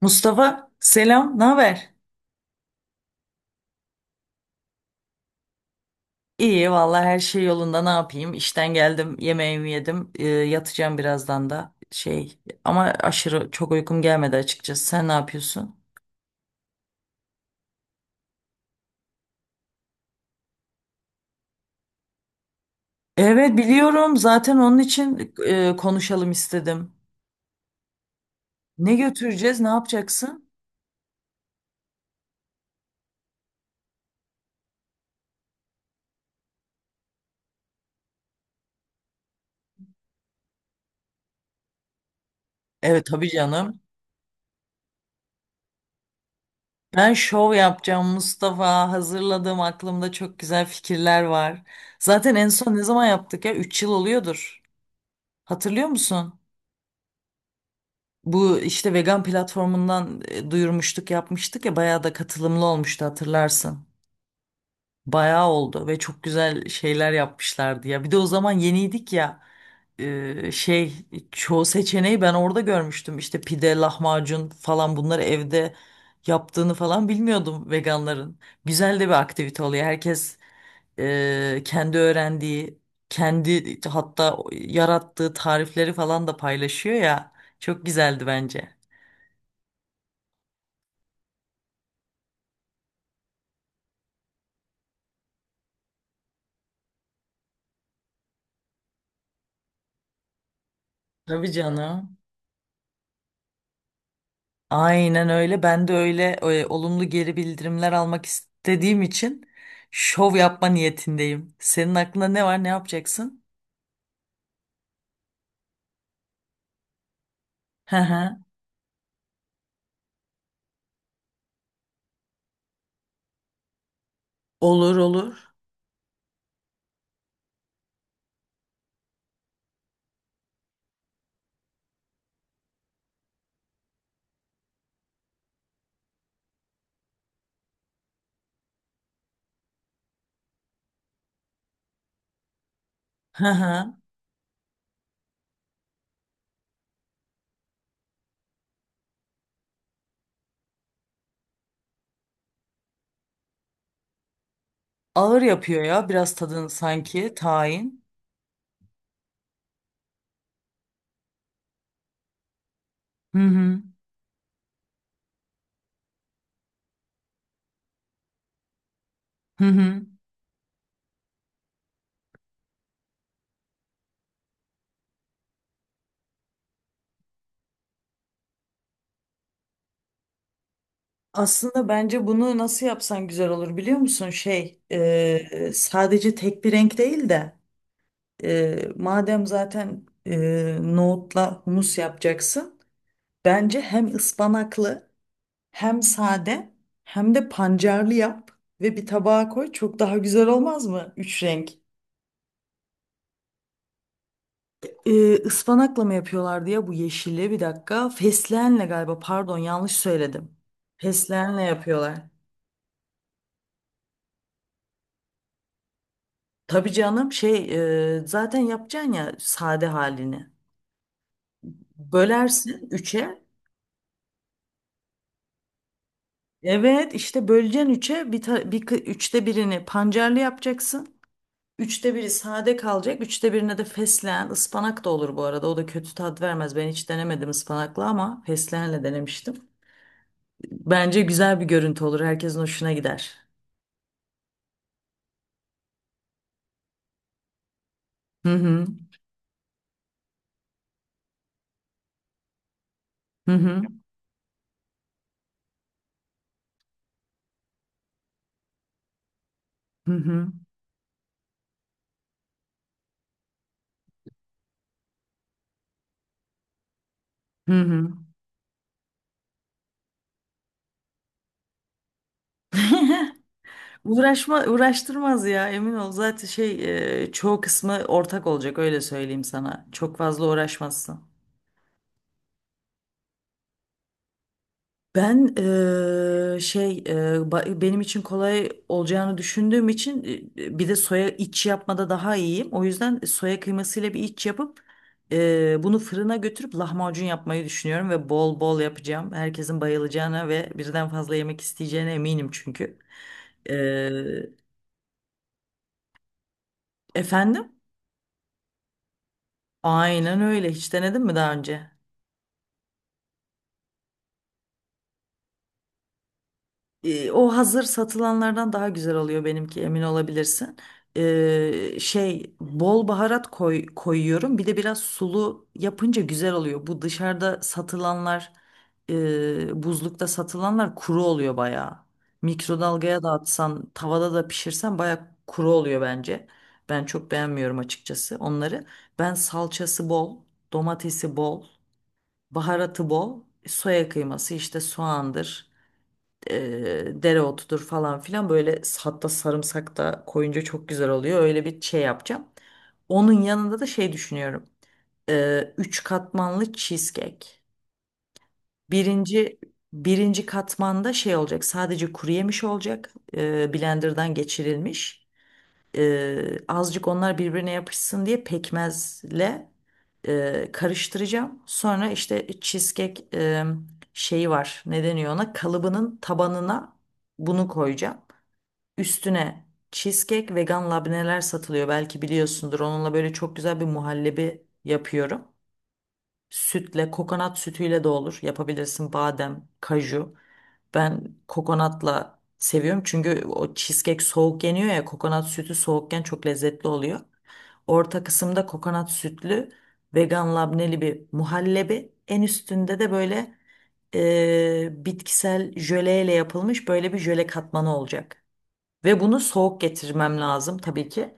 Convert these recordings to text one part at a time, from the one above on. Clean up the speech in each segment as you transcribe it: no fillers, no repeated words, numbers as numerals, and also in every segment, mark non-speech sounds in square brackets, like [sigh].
Mustafa selam, ne haber? İyi vallahi her şey yolunda ne yapayım? İşten geldim, yemeğimi yedim, yatacağım birazdan da ama aşırı çok uykum gelmedi açıkçası. Sen ne yapıyorsun? Evet biliyorum zaten onun için konuşalım istedim. Ne götüreceğiz, ne yapacaksın? Evet tabii canım. Ben şov yapacağım Mustafa. Hazırladım, aklımda çok güzel fikirler var. Zaten en son ne zaman yaptık ya? 3 yıl oluyordur. Hatırlıyor musun? Bu işte vegan platformundan duyurmuştuk, yapmıştık ya, bayağı da katılımlı olmuştu hatırlarsın. Bayağı oldu ve çok güzel şeyler yapmışlardı ya. Bir de o zaman yeniydik ya, e, şey çoğu seçeneği ben orada görmüştüm. İşte pide, lahmacun falan bunları evde yaptığını falan bilmiyordum veganların. Güzel de bir aktivite oluyor. Herkes kendi öğrendiği, kendi hatta yarattığı tarifleri falan da paylaşıyor ya. Çok güzeldi bence. Tabii canım. Aynen öyle. Ben de öyle, olumlu geri bildirimler almak istediğim için şov yapma niyetindeyim. Senin aklında ne var? Ne yapacaksın? Hı hı. Olur olur. Hı hı. Ağır yapıyor ya biraz tadın, sanki tayin. Hı hı. Hı hı. Aslında bence bunu nasıl yapsan güzel olur biliyor musun? Sadece tek bir renk değil de madem zaten nohutla humus yapacaksın. Bence hem ıspanaklı, hem sade, hem de pancarlı yap ve bir tabağa koy. Çok daha güzel olmaz mı? Üç renk. Ispanakla mı yapıyorlardı ya bu yeşili, bir dakika. Fesleğenle galiba, pardon yanlış söyledim. Fesleğenle yapıyorlar. Tabii canım, zaten yapacaksın ya sade halini. Bölersin üçe. Evet işte böleceksin üçe, bir, ta- bir kı- üçte birini pancarlı yapacaksın. Üçte biri sade kalacak. Üçte birine de fesleğen, ıspanak da olur bu arada. O da kötü tat vermez. Ben hiç denemedim ıspanaklı ama fesleğenle denemiştim. Bence güzel bir görüntü olur. Herkesin hoşuna gider. Hı hı. Hı hı. Hı hı. Hı hı. Uğraşma, uğraştırmaz ya, emin ol. Zaten, çoğu kısmı ortak olacak, öyle söyleyeyim sana. Çok fazla uğraşmazsın. Ben, benim için kolay olacağını düşündüğüm için, bir de soya iç yapmada daha iyiyim. O yüzden soya kıymasıyla bir iç yapıp, bunu fırına götürüp lahmacun yapmayı düşünüyorum ve bol bol yapacağım. Herkesin bayılacağına ve birden fazla yemek isteyeceğine eminim çünkü. Eee, Efendim? Aynen öyle. Hiç denedin mi daha önce? O hazır satılanlardan daha güzel oluyor benimki, emin olabilirsin. Bol baharat koyuyorum. Bir de biraz sulu yapınca güzel oluyor. Bu dışarıda satılanlar, buzlukta satılanlar kuru oluyor bayağı. Mikrodalgaya da atsan, tavada da pişirsen bayağı kuru oluyor bence. Ben çok beğenmiyorum açıkçası onları. Ben salçası bol, domatesi bol, baharatı bol, soya kıyması, işte soğandır, dereotudur falan filan, böyle hatta sarımsak da koyunca çok güzel oluyor. Öyle bir şey yapacağım. Onun yanında da şey düşünüyorum. Üç katmanlı cheesecake. Birinci birinci katmanda şey olacak. Sadece kuru yemiş olacak. Blenderdan geçirilmiş. Azıcık onlar birbirine yapışsın diye pekmezle karıştıracağım. Sonra işte cheesecake şeyi var. Ne deniyor ona? Kalıbının tabanına bunu koyacağım. Üstüne cheesecake vegan labneler satılıyor. Belki biliyorsundur. Onunla böyle çok güzel bir muhallebi yapıyorum. Sütle, kokonat sütüyle de olur. Yapabilirsin, badem, kaju. Ben kokonatla seviyorum çünkü o cheesecake soğuk yeniyor ya, kokonat sütü soğukken çok lezzetli oluyor. Orta kısımda kokonat sütlü, vegan labneli bir muhallebi. En üstünde de böyle, bitkisel jöleyle yapılmış böyle bir jöle katmanı olacak. Ve bunu soğuk getirmem lazım tabii ki.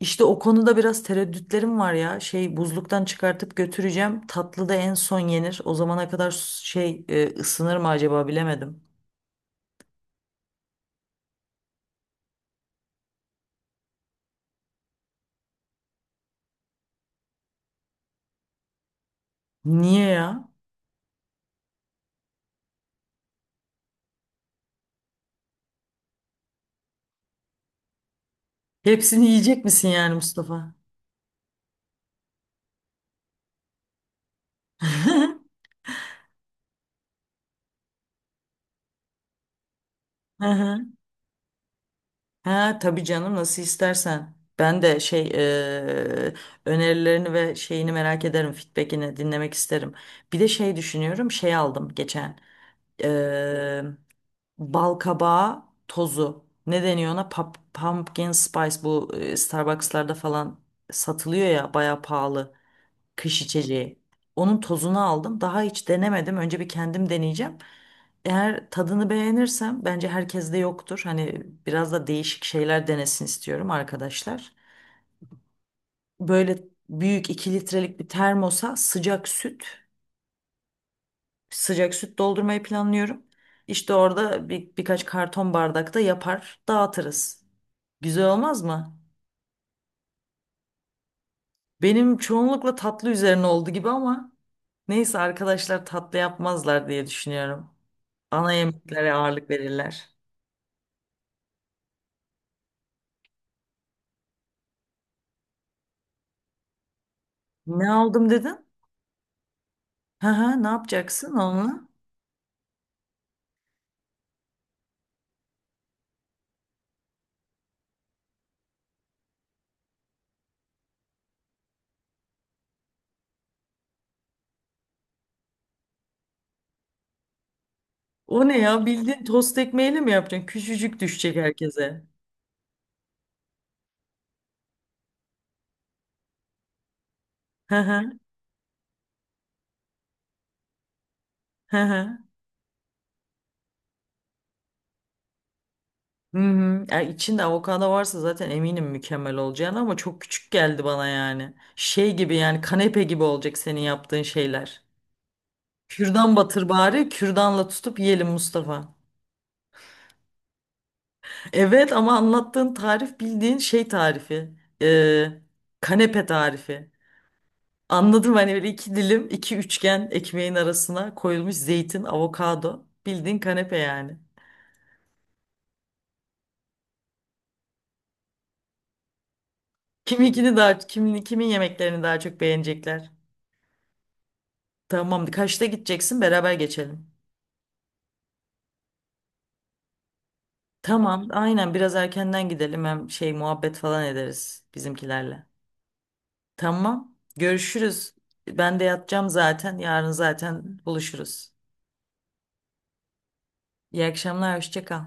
İşte o konuda biraz tereddütlerim var ya. Buzluktan çıkartıp götüreceğim. Tatlı da en son yenir. O zamana kadar ısınır mı acaba, bilemedim. Niye ya? Hepsini yiyecek misin yani Mustafa? [laughs] Hı hı. Ha tabii canım, nasıl istersen. Ben de önerilerini ve şeyini merak ederim. Feedback'ini dinlemek isterim. Bir de şey düşünüyorum. Şey aldım geçen. E, Bal tozu. Ne deniyor ona? Pumpkin spice, bu Starbucks'larda falan satılıyor ya, bayağı pahalı kış içeceği. Onun tozunu aldım. Daha hiç denemedim. Önce bir kendim deneyeceğim. Eğer tadını beğenirsem, bence herkeste yoktur. Hani biraz da değişik şeyler denesin istiyorum arkadaşlar. Böyle büyük 2 litrelik bir termosa sıcak süt, sıcak süt doldurmayı planlıyorum. İşte orada birkaç karton bardakta yapar, dağıtırız. Güzel olmaz mı? Benim çoğunlukla tatlı üzerine oldu gibi ama neyse, arkadaşlar tatlı yapmazlar diye düşünüyorum. Ana yemeklere ağırlık verirler. Ne aldım dedin? Hı hı, ne yapacaksın onunla? O ne ya, bildiğin tost ekmeğiyle mi yapacaksın? Küçücük düşecek herkese. Hı hı, hı hı. Hı hı. Ya içinde avokado varsa zaten eminim mükemmel olacağını, ama çok küçük geldi bana yani. Şey gibi yani, kanepe gibi olacak senin yaptığın şeyler. Kürdan batır bari, kürdanla tutup yiyelim Mustafa. Evet ama anlattığın tarif bildiğin şey tarifi. Ee, Kanepe tarifi. Anladım, hani böyle 2 dilim, iki üçgen ekmeğin arasına koyulmuş zeytin, avokado. Bildiğin kanepe yani. Kimin kimin yemeklerini daha çok beğenecekler. Tamam kaçta gideceksin, beraber geçelim. Tamam aynen, biraz erkenden gidelim, hem muhabbet falan ederiz bizimkilerle. Tamam, görüşürüz. Ben de yatacağım zaten, yarın zaten buluşuruz. İyi akşamlar, hoşça kal.